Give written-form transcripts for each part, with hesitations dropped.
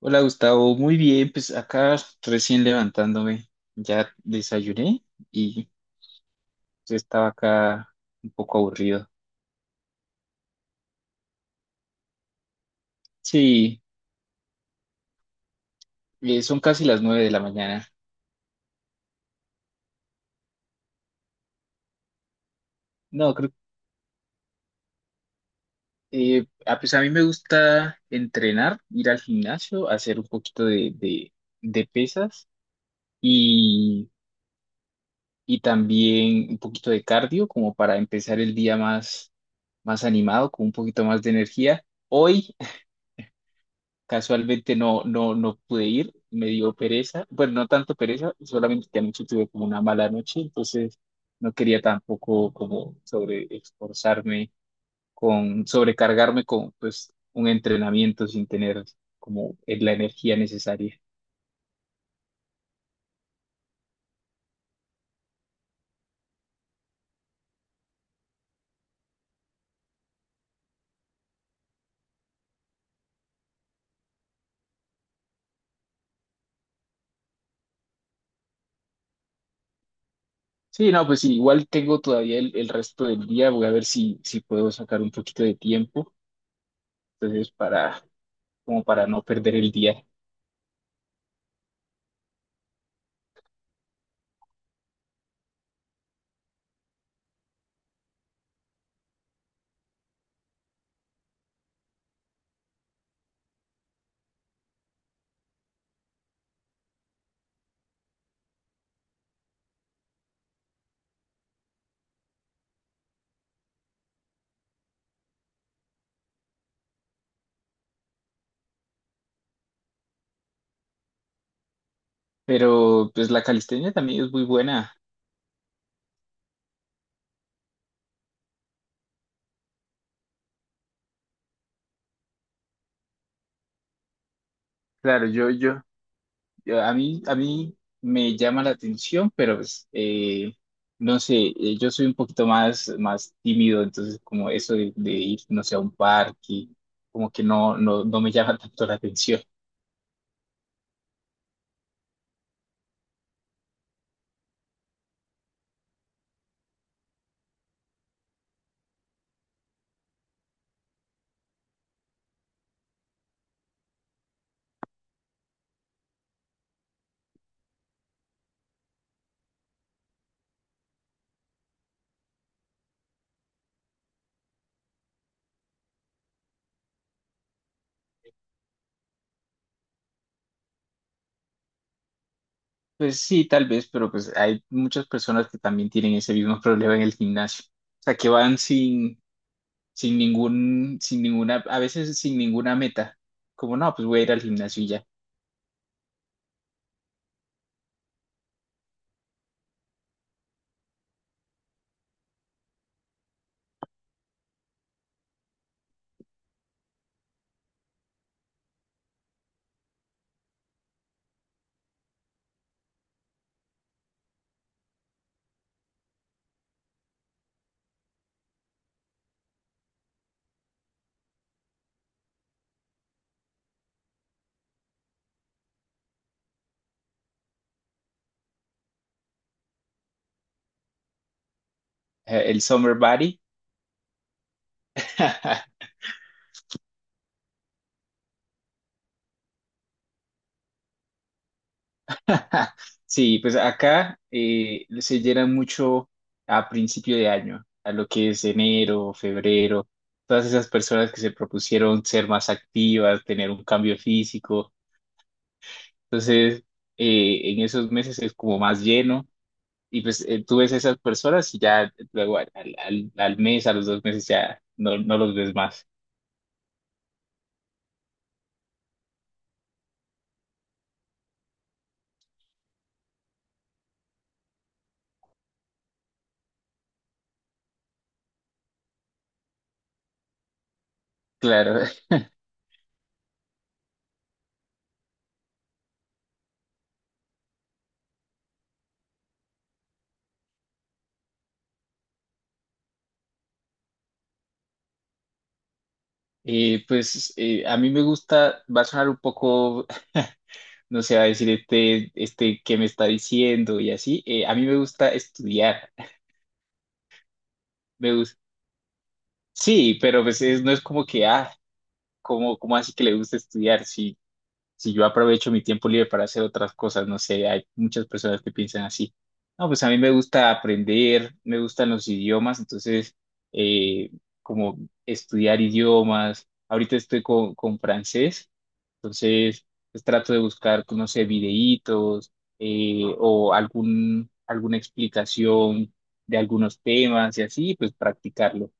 Hola Gustavo, muy bien, pues acá recién levantándome, ya desayuné y pues, estaba acá un poco aburrido. Sí, son casi las 9 de la mañana. No, creo que pues a mí me gusta entrenar, ir al gimnasio, hacer un poquito de pesas y, y también un poquito de cardio como para empezar el día más animado, con un poquito más de energía. Hoy Casualmente no pude ir, me dio pereza, bueno, no tanto pereza, solamente que anoche tuve como una mala noche, entonces no quería tampoco como sobre esforzarme sobrecargarme con pues un entrenamiento sin tener como en la energía necesaria. Sí, no, pues sí, igual tengo todavía el resto del día, voy a ver si puedo sacar un poquito de tiempo, entonces como para no perder el día. Pero pues la calistenia también es muy buena. Claro, A mí me llama la atención, pero pues, no sé, yo soy un poquito más tímido, entonces como eso de ir, no sé, a un parque, como que no me llama tanto la atención. Pues sí, tal vez, pero pues hay muchas personas que también tienen ese mismo problema en el gimnasio. O sea, que van sin ninguna, a veces sin ninguna meta. Como no, pues voy a ir al gimnasio y ya. El summer body. Sí, pues acá se llena mucho a principio de año, a lo que es enero, febrero, todas esas personas que se propusieron ser más activas, tener un cambio físico. Entonces, en esos meses es como más lleno y pues tú ves a esas personas y ya luego al mes, a los 2 meses ya no los ves más. Claro, Pues, a mí me gusta, va a sonar un poco, no se va a decir este, ¿este, que me está diciendo? Y así, a mí me gusta estudiar, me gusta, sí, pero pues no es como que, ¿cómo así que le gusta estudiar? Si, si yo aprovecho mi tiempo libre para hacer otras cosas, no sé, hay muchas personas que piensan así. No, pues a mí me gusta aprender, me gustan los idiomas, entonces, eh, como estudiar idiomas, ahorita estoy con francés. Entonces, pues, trato de buscar, pues, no sé, videitos o alguna explicación de algunos temas y así, pues practicarlo.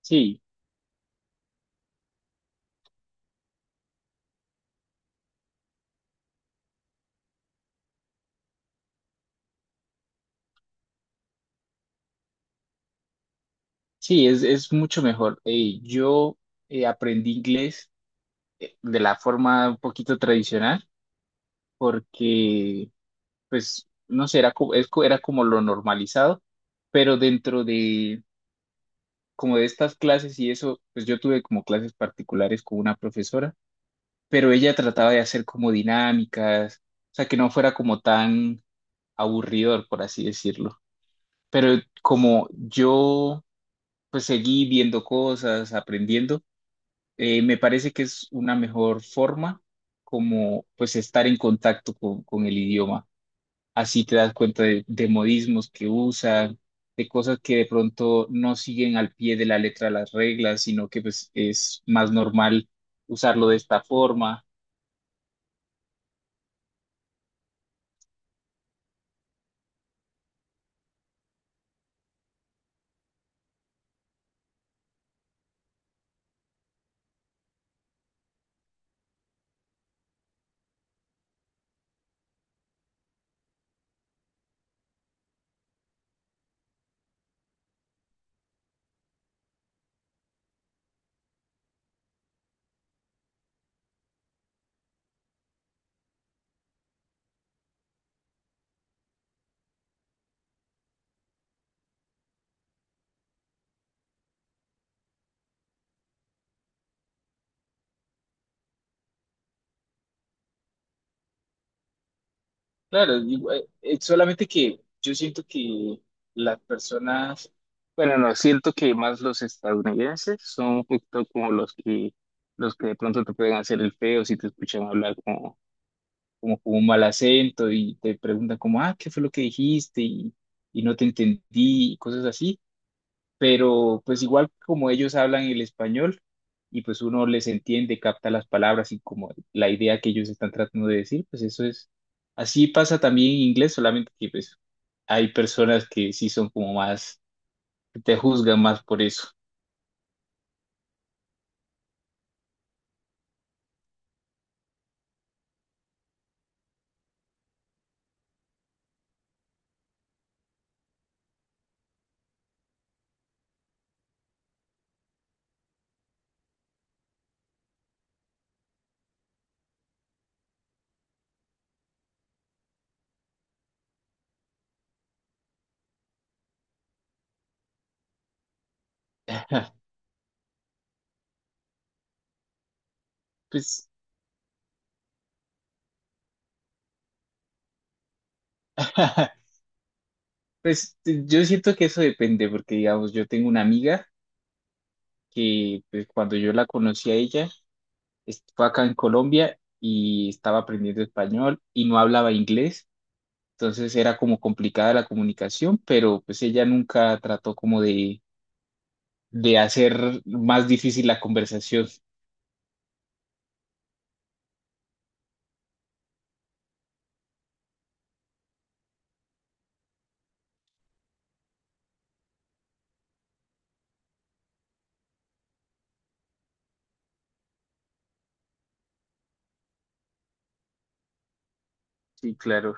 Sí, sí, es mucho mejor. Yo aprendí inglés de la forma un poquito tradicional porque, pues, no sé, era, co- es co- era como lo normalizado, pero dentro de, como de estas clases y eso, pues yo tuve como clases particulares con una profesora, pero ella trataba de hacer como dinámicas, o sea, que no fuera como tan aburridor, por así decirlo. Pero como yo pues seguí viendo cosas, aprendiendo, me parece que es una mejor forma como pues estar en contacto con el idioma. Así te das cuenta de modismos que usan, de cosas que de pronto no siguen al pie de la letra las reglas, sino que pues es más normal usarlo de esta forma. Claro, solamente que yo siento que las personas, bueno, no, siento que más los estadounidenses son un poquito como los que de pronto te pueden hacer el feo si te escuchan hablar como con un mal acento y te preguntan como, ah, ¿qué fue lo que dijiste? Y no te entendí y cosas así, pero pues igual como ellos hablan el español y pues uno les entiende, capta las palabras y como la idea que ellos están tratando de decir, pues eso es, así pasa también en inglés, solamente que pues hay personas que sí son como más, que te juzgan más por eso. Pues, pues yo siento que eso depende, porque digamos, yo tengo una amiga que pues, cuando yo la conocí a ella, fue acá en Colombia y estaba aprendiendo español y no hablaba inglés. Entonces era como complicada la comunicación, pero pues ella nunca trató como de hacer más difícil la conversación. Sí, claro.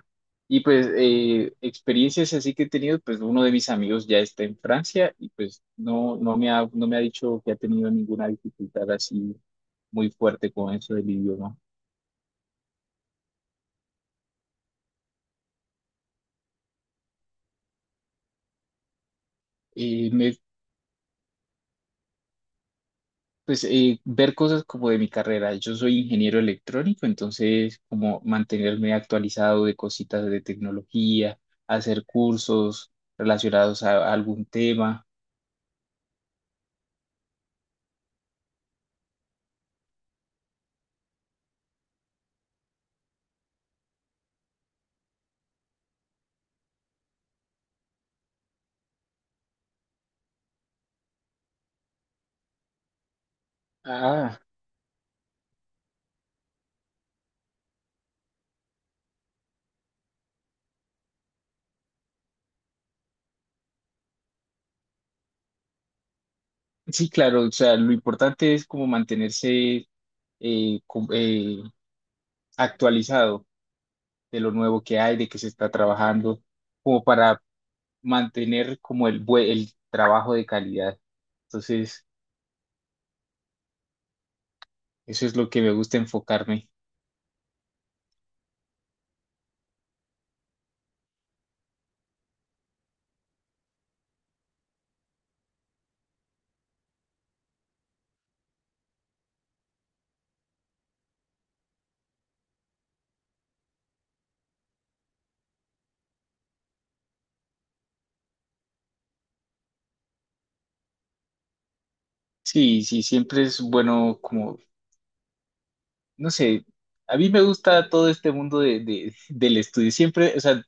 Y pues experiencias así que he tenido, pues uno de mis amigos ya está en Francia y pues no me ha dicho que ha tenido ninguna dificultad así muy fuerte con eso del idioma. Eh, me, Pues, ver cosas como de mi carrera. Yo soy ingeniero electrónico, entonces como mantenerme actualizado de cositas de tecnología, hacer cursos relacionados a algún tema. Ah, sí, claro, o sea, lo importante es como mantenerse eh, com- eh, actualizado de lo nuevo que hay, de qué se está trabajando, como para mantener como el trabajo de calidad. Entonces, eso es lo que me gusta enfocarme. Sí, sí, siempre es bueno como, no sé, a mí me gusta todo este mundo de, del estudio, siempre, o sea,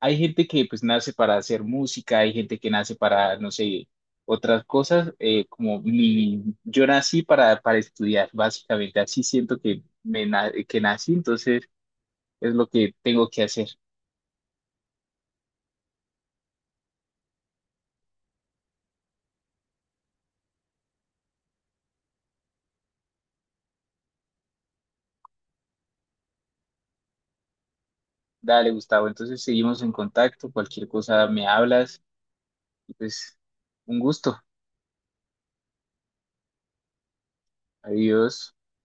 hay gente que pues nace para hacer música, hay gente que nace para, no sé, otras cosas, como yo nací para estudiar, básicamente, así siento que, que nací, entonces es lo que tengo que hacer. Dale, Gustavo, entonces seguimos en contacto, cualquier cosa me hablas, y pues un gusto, adiós.